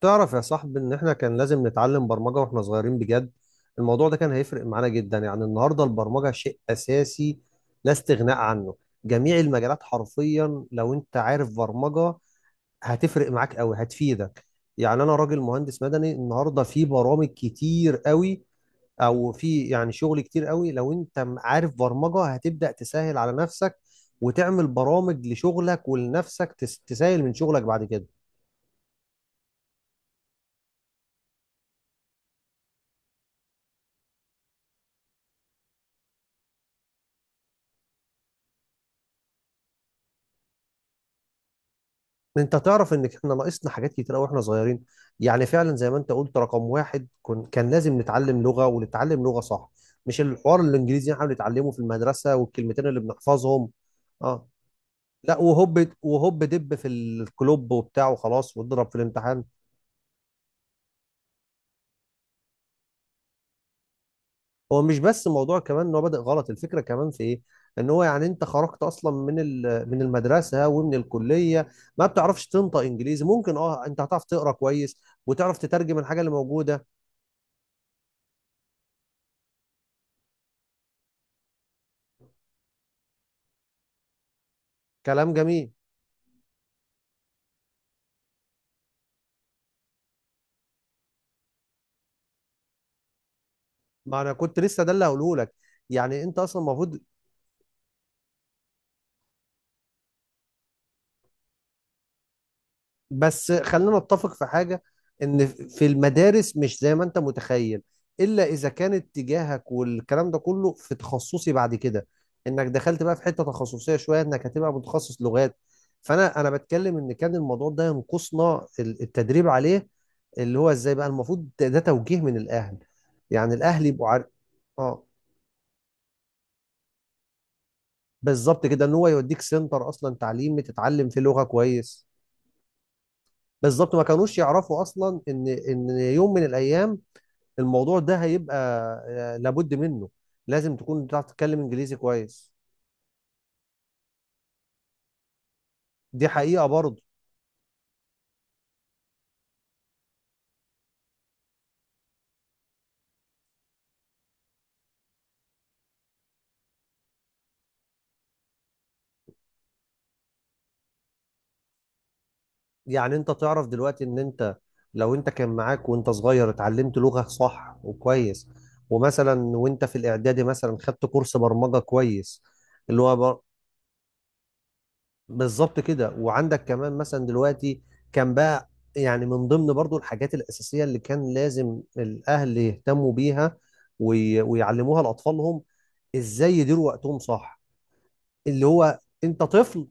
تعرف يا صاحبي ان احنا كان لازم نتعلم برمجة واحنا صغيرين بجد. الموضوع ده كان هيفرق معانا جدا، يعني النهاردة البرمجة شيء اساسي لا استغناء عنه. جميع المجالات حرفيا لو انت عارف برمجة هتفرق معاك قوي، هتفيدك. يعني انا راجل مهندس مدني، النهاردة في برامج كتير قوي او في يعني شغل كتير قوي لو انت عارف برمجة هتبدأ تسهل على نفسك وتعمل برامج لشغلك ولنفسك، تسهل من شغلك بعد كده. انت تعرف ان احنا ناقصنا حاجات كتير قوي واحنا صغيرين. يعني فعلا زي ما انت قلت، رقم واحد كان لازم نتعلم لغه ونتعلم لغه صح، مش الحوار الانجليزي اللي احنا بنتعلمه في المدرسه والكلمتين اللي بنحفظهم. اه، لا وهوب وهوب دب في الكلوب وبتاع وخلاص واضرب في الامتحان. هو مش بس موضوع كمان ان هو بادئ غلط، الفكره كمان في ايه، ان هو يعني انت خرجت اصلا من من المدرسه ومن الكليه ما بتعرفش تنطق انجليزي. ممكن اه انت هتعرف تقرا كويس وتعرف تترجم الحاجه اللي موجوده. كلام جميل. ما انا كنت لسه ده اللي هقوله لك، يعني انت اصلا المفروض. بس خلينا نتفق في حاجه، ان في المدارس مش زي ما انت متخيل الا اذا كان اتجاهك والكلام ده كله في تخصصي بعد كده، انك دخلت بقى في حته تخصصيه شويه انك هتبقى متخصص لغات. فانا بتكلم ان كان الموضوع ده ينقصنا التدريب عليه، اللي هو ازاي بقى المفروض. ده توجيه من الاهل، يعني الاهل يبقوا عارف. اه، بالظبط كده، ان هو يوديك سنتر اصلا تعليمي تتعلم فيه لغه كويس. بالظبط، ما كانوش يعرفوا اصلا ان يوم من الايام الموضوع ده هيبقى آه، لابد منه. لازم تكون بتعرف تتكلم انجليزي كويس. دي حقيقة برضه. يعني انت تعرف دلوقتي ان انت لو انت كان معاك وانت صغير اتعلمت لغة صح وكويس، ومثلا وانت في الاعدادي مثلا خدت كورس برمجة كويس، اللي هو بالظبط كده، وعندك كمان مثلا دلوقتي كان بقى، يعني من ضمن برضو الحاجات الأساسية اللي كان لازم الأهل يهتموا بيها ويعلموها لأطفالهم، إزاي يديروا وقتهم صح. اللي هو أنت طفل،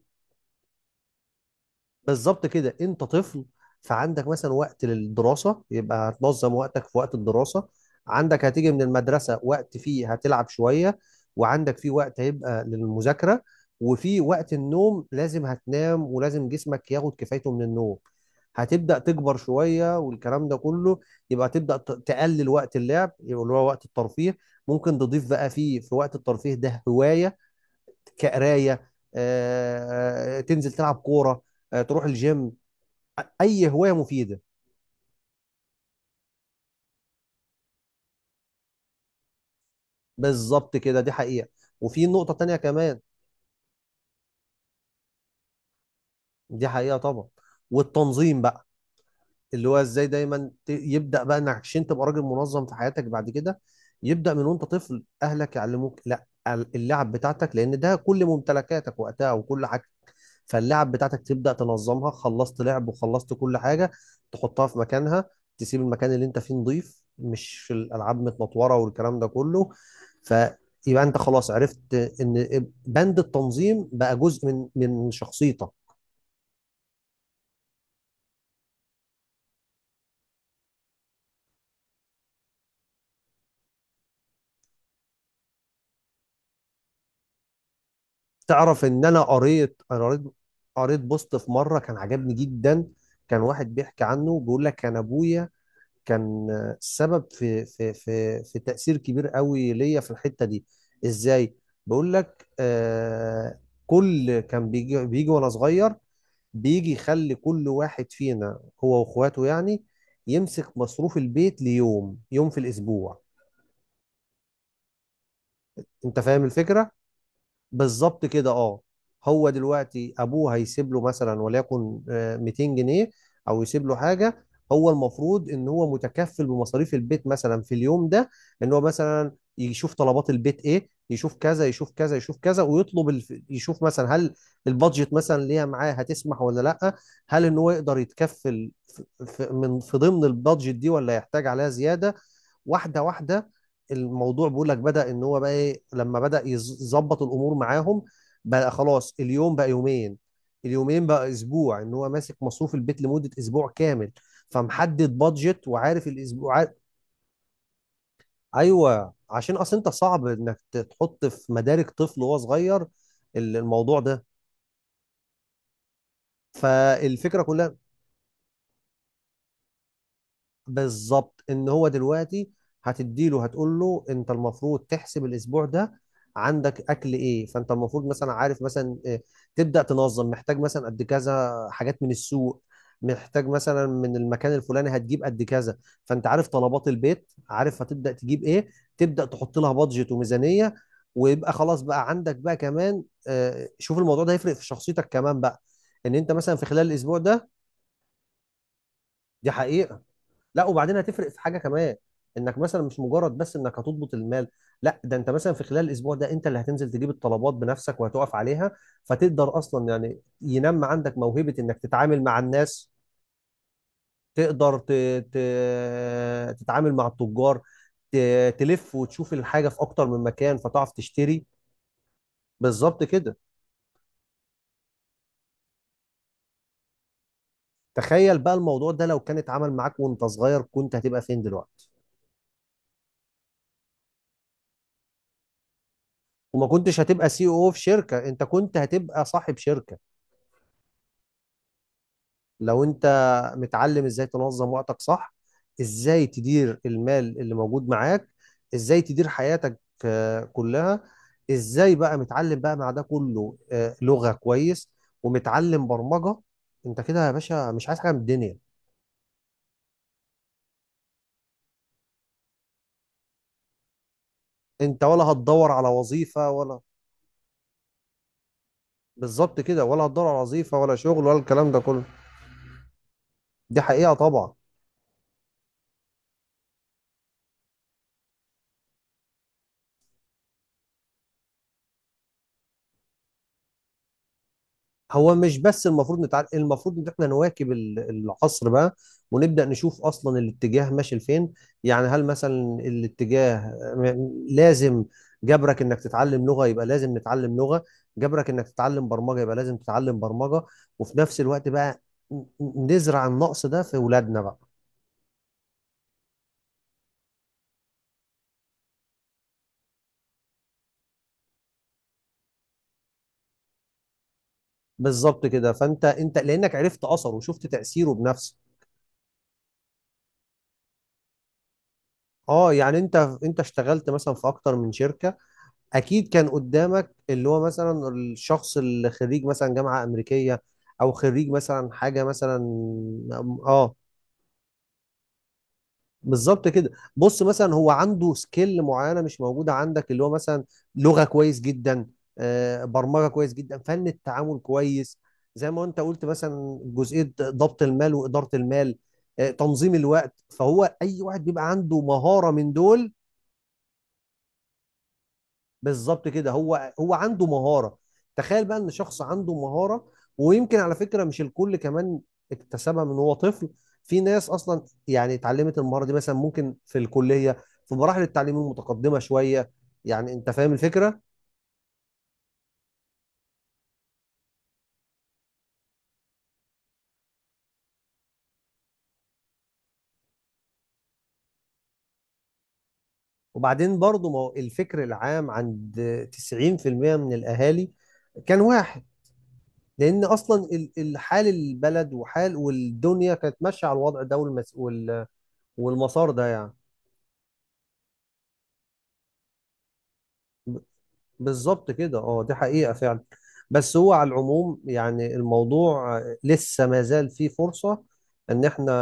بالظبط كده، انت طفل، فعندك مثلا وقت للدراسه، يبقى هتنظم وقتك في وقت الدراسه. عندك هتيجي من المدرسه وقت فيه هتلعب شويه، وعندك فيه وقت هيبقى للمذاكره، وفي وقت النوم لازم هتنام ولازم جسمك ياخد كفايته من النوم. هتبدا تكبر شويه والكلام ده كله، يبقى تبدا تقلل وقت اللعب، يبقى اللي هو وقت الترفيه. ممكن تضيف بقى فيه، في وقت الترفيه ده، هوايه كقرايه، آه، تنزل تلعب كوره، آه، تروح الجيم، اي هوايه مفيده. بالظبط كده، دي حقيقه. وفي نقطه تانية كمان، دي حقيقه طبعا، والتنظيم بقى، اللي هو ازاي دايما يبدا بقى انك عشان تبقى راجل منظم في حياتك بعد كده يبدا من وانت طفل. اهلك يعلموك لا اللعب بتاعتك لان ده كل ممتلكاتك وقتها وكل حاجه، فاللعب بتاعتك تبدأ تنظمها، خلصت لعب وخلصت كل حاجة تحطها في مكانها، تسيب المكان اللي انت فيه نظيف، مش الألعاب متنطورة والكلام ده كله. فيبقى انت خلاص عرفت ان بند التنظيم بقى جزء من شخصيتك. تعرف ان انا قريت، قريت بوست في مرة كان عجبني جدا. كان واحد بيحكي عنه، بيقول لك كان ابويا كان السبب في تأثير كبير قوي ليا في الحتة دي. ازاي؟ بقول لك آه، كان بيجي وانا صغير، بيجي يخلي كل واحد فينا هو واخواته يعني يمسك مصروف البيت ليوم، يوم في الاسبوع. انت فاهم الفكرة؟ بالظبط كده، اه. هو دلوقتي ابوه هيسيب له مثلا، وليكن آه، 200 جنيه، او يسيب له حاجه. هو المفروض ان هو متكفل بمصاريف البيت مثلا في اليوم ده، ان هو مثلا يشوف طلبات البيت ايه، يشوف كذا يشوف كذا يشوف كذا، يشوف مثلا هل البادجت مثلا اللي هي معاه هتسمح ولا لا، هل ان هو يقدر يتكفل في ضمن البادجت دي ولا يحتاج عليها زياده. واحده واحده، الموضوع بيقول لك بدأ ان هو بقى ايه، لما بدأ يظبط الامور معاهم بقى خلاص، اليوم بقى يومين، اليومين بقى اسبوع، ان هو ماسك مصروف البيت لمدة اسبوع كامل. فمحدد بادجت وعارف ايوه، عشان اصل انت صعب انك تحط في مدارك طفل وهو صغير الموضوع ده. فالفكرة كلها، بالظبط، ان هو دلوقتي هتديله، هتقول له انت المفروض تحسب الاسبوع ده عندك اكل ايه، فانت المفروض مثلا عارف مثلا إيه، تبدا تنظم، محتاج مثلا قد كذا حاجات من السوق، محتاج مثلا من المكان الفلاني هتجيب قد كذا. فانت عارف طلبات البيت، عارف هتبدا تجيب ايه، تبدا تحط لها بادجت وميزانيه. ويبقى خلاص بقى عندك بقى كمان آه، شوف الموضوع ده هيفرق في شخصيتك كمان بقى، ان انت مثلا في خلال الاسبوع ده. دي حقيقة. لا وبعدين هتفرق في حاجه كمان، انك مثلا مش مجرد بس انك هتضبط المال، لا، ده انت مثلا في خلال الاسبوع ده انت اللي هتنزل تجيب الطلبات بنفسك وهتقف عليها، فتقدر اصلا يعني ينمى عندك موهبه انك تتعامل مع الناس. تقدر ت... ت... تتعامل مع التجار، ت... تلف وتشوف الحاجه في اكتر من مكان فتعرف تشتري. بالظبط كده. تخيل بقى الموضوع ده لو كان اتعمل معاك وانت صغير كنت هتبقى فين دلوقتي؟ وما كنتش هتبقى سي او في شركه، انت كنت هتبقى صاحب شركه. لو انت متعلم ازاي تنظم وقتك صح، ازاي تدير المال اللي موجود معاك، ازاي تدير حياتك، آه، كلها، ازاي بقى متعلم بقى مع ده كله آه، لغة كويس ومتعلم برمجة، انت كده يا باشا مش عايز حاجة من الدنيا. انت ولا هتدور على وظيفة ولا، بالظبط كده، ولا هتدور على وظيفة ولا شغل ولا الكلام ده كله. دي حقيقة طبعا. هو مش بس المفروض نتعلم، المفروض ان احنا نواكب العصر بقى، ونبدا نشوف اصلا الاتجاه ماشي لفين. يعني هل مثلا الاتجاه لازم، جبرك انك تتعلم لغه يبقى لازم نتعلم لغه، جبرك انك تتعلم برمجه يبقى لازم تتعلم برمجه. وفي نفس الوقت بقى ن- نزرع النقص ده في اولادنا بقى. بالظبط كده، فانت لانك عرفت اثره وشفت تاثيره بنفسك. اه، يعني انت اشتغلت مثلا في اكتر من شركه، اكيد كان قدامك اللي هو مثلا الشخص اللي خريج مثلا جامعه امريكيه، او خريج مثلا حاجه مثلا. اه، بالظبط كده. بص، مثلا هو عنده سكيل معينه مش موجوده عندك، اللي هو مثلا لغه كويس جدا، آه، برمجه كويس جدا، فن التعامل كويس، زي ما انت قلت مثلا جزئيه ضبط المال واداره المال، آه، تنظيم الوقت. فهو اي واحد بيبقى عنده مهاره من دول، بالظبط كده، هو هو عنده مهارة. تخيل بقى ان شخص عنده مهارة، ويمكن على فكرة مش الكل كمان اكتسبها من هو طفل، في ناس اصلا يعني اتعلمت المهارة دي مثلا ممكن في الكلية في مراحل التعليم المتقدمة شوية. يعني انت فاهم الفكرة. وبعدين برضو ما هو الفكر العام عند 90% من الاهالي كان واحد، لان اصلا الحال البلد وحال والدنيا كانت ماشية على الوضع ده والمسار ده يعني. بالظبط كده، اه، دي حقيقة فعلا. بس هو على العموم يعني الموضوع لسه ما زال فيه فرصة ان احنا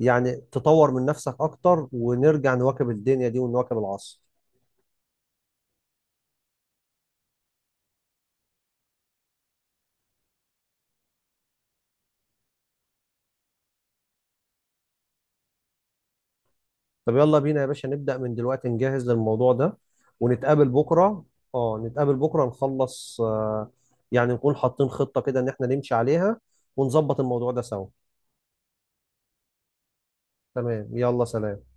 يعني تطور من نفسك اكتر، ونرجع نواكب الدنيا دي ونواكب العصر. طب يلا بينا يا باشا نبدأ من دلوقتي نجهز للموضوع ده ونتقابل بكرة. اه، نتقابل بكرة، نخلص آه، يعني نكون حاطين خطة كده ان احنا نمشي عليها، ونظبط الموضوع ده سوا. تمام، يلا سلام.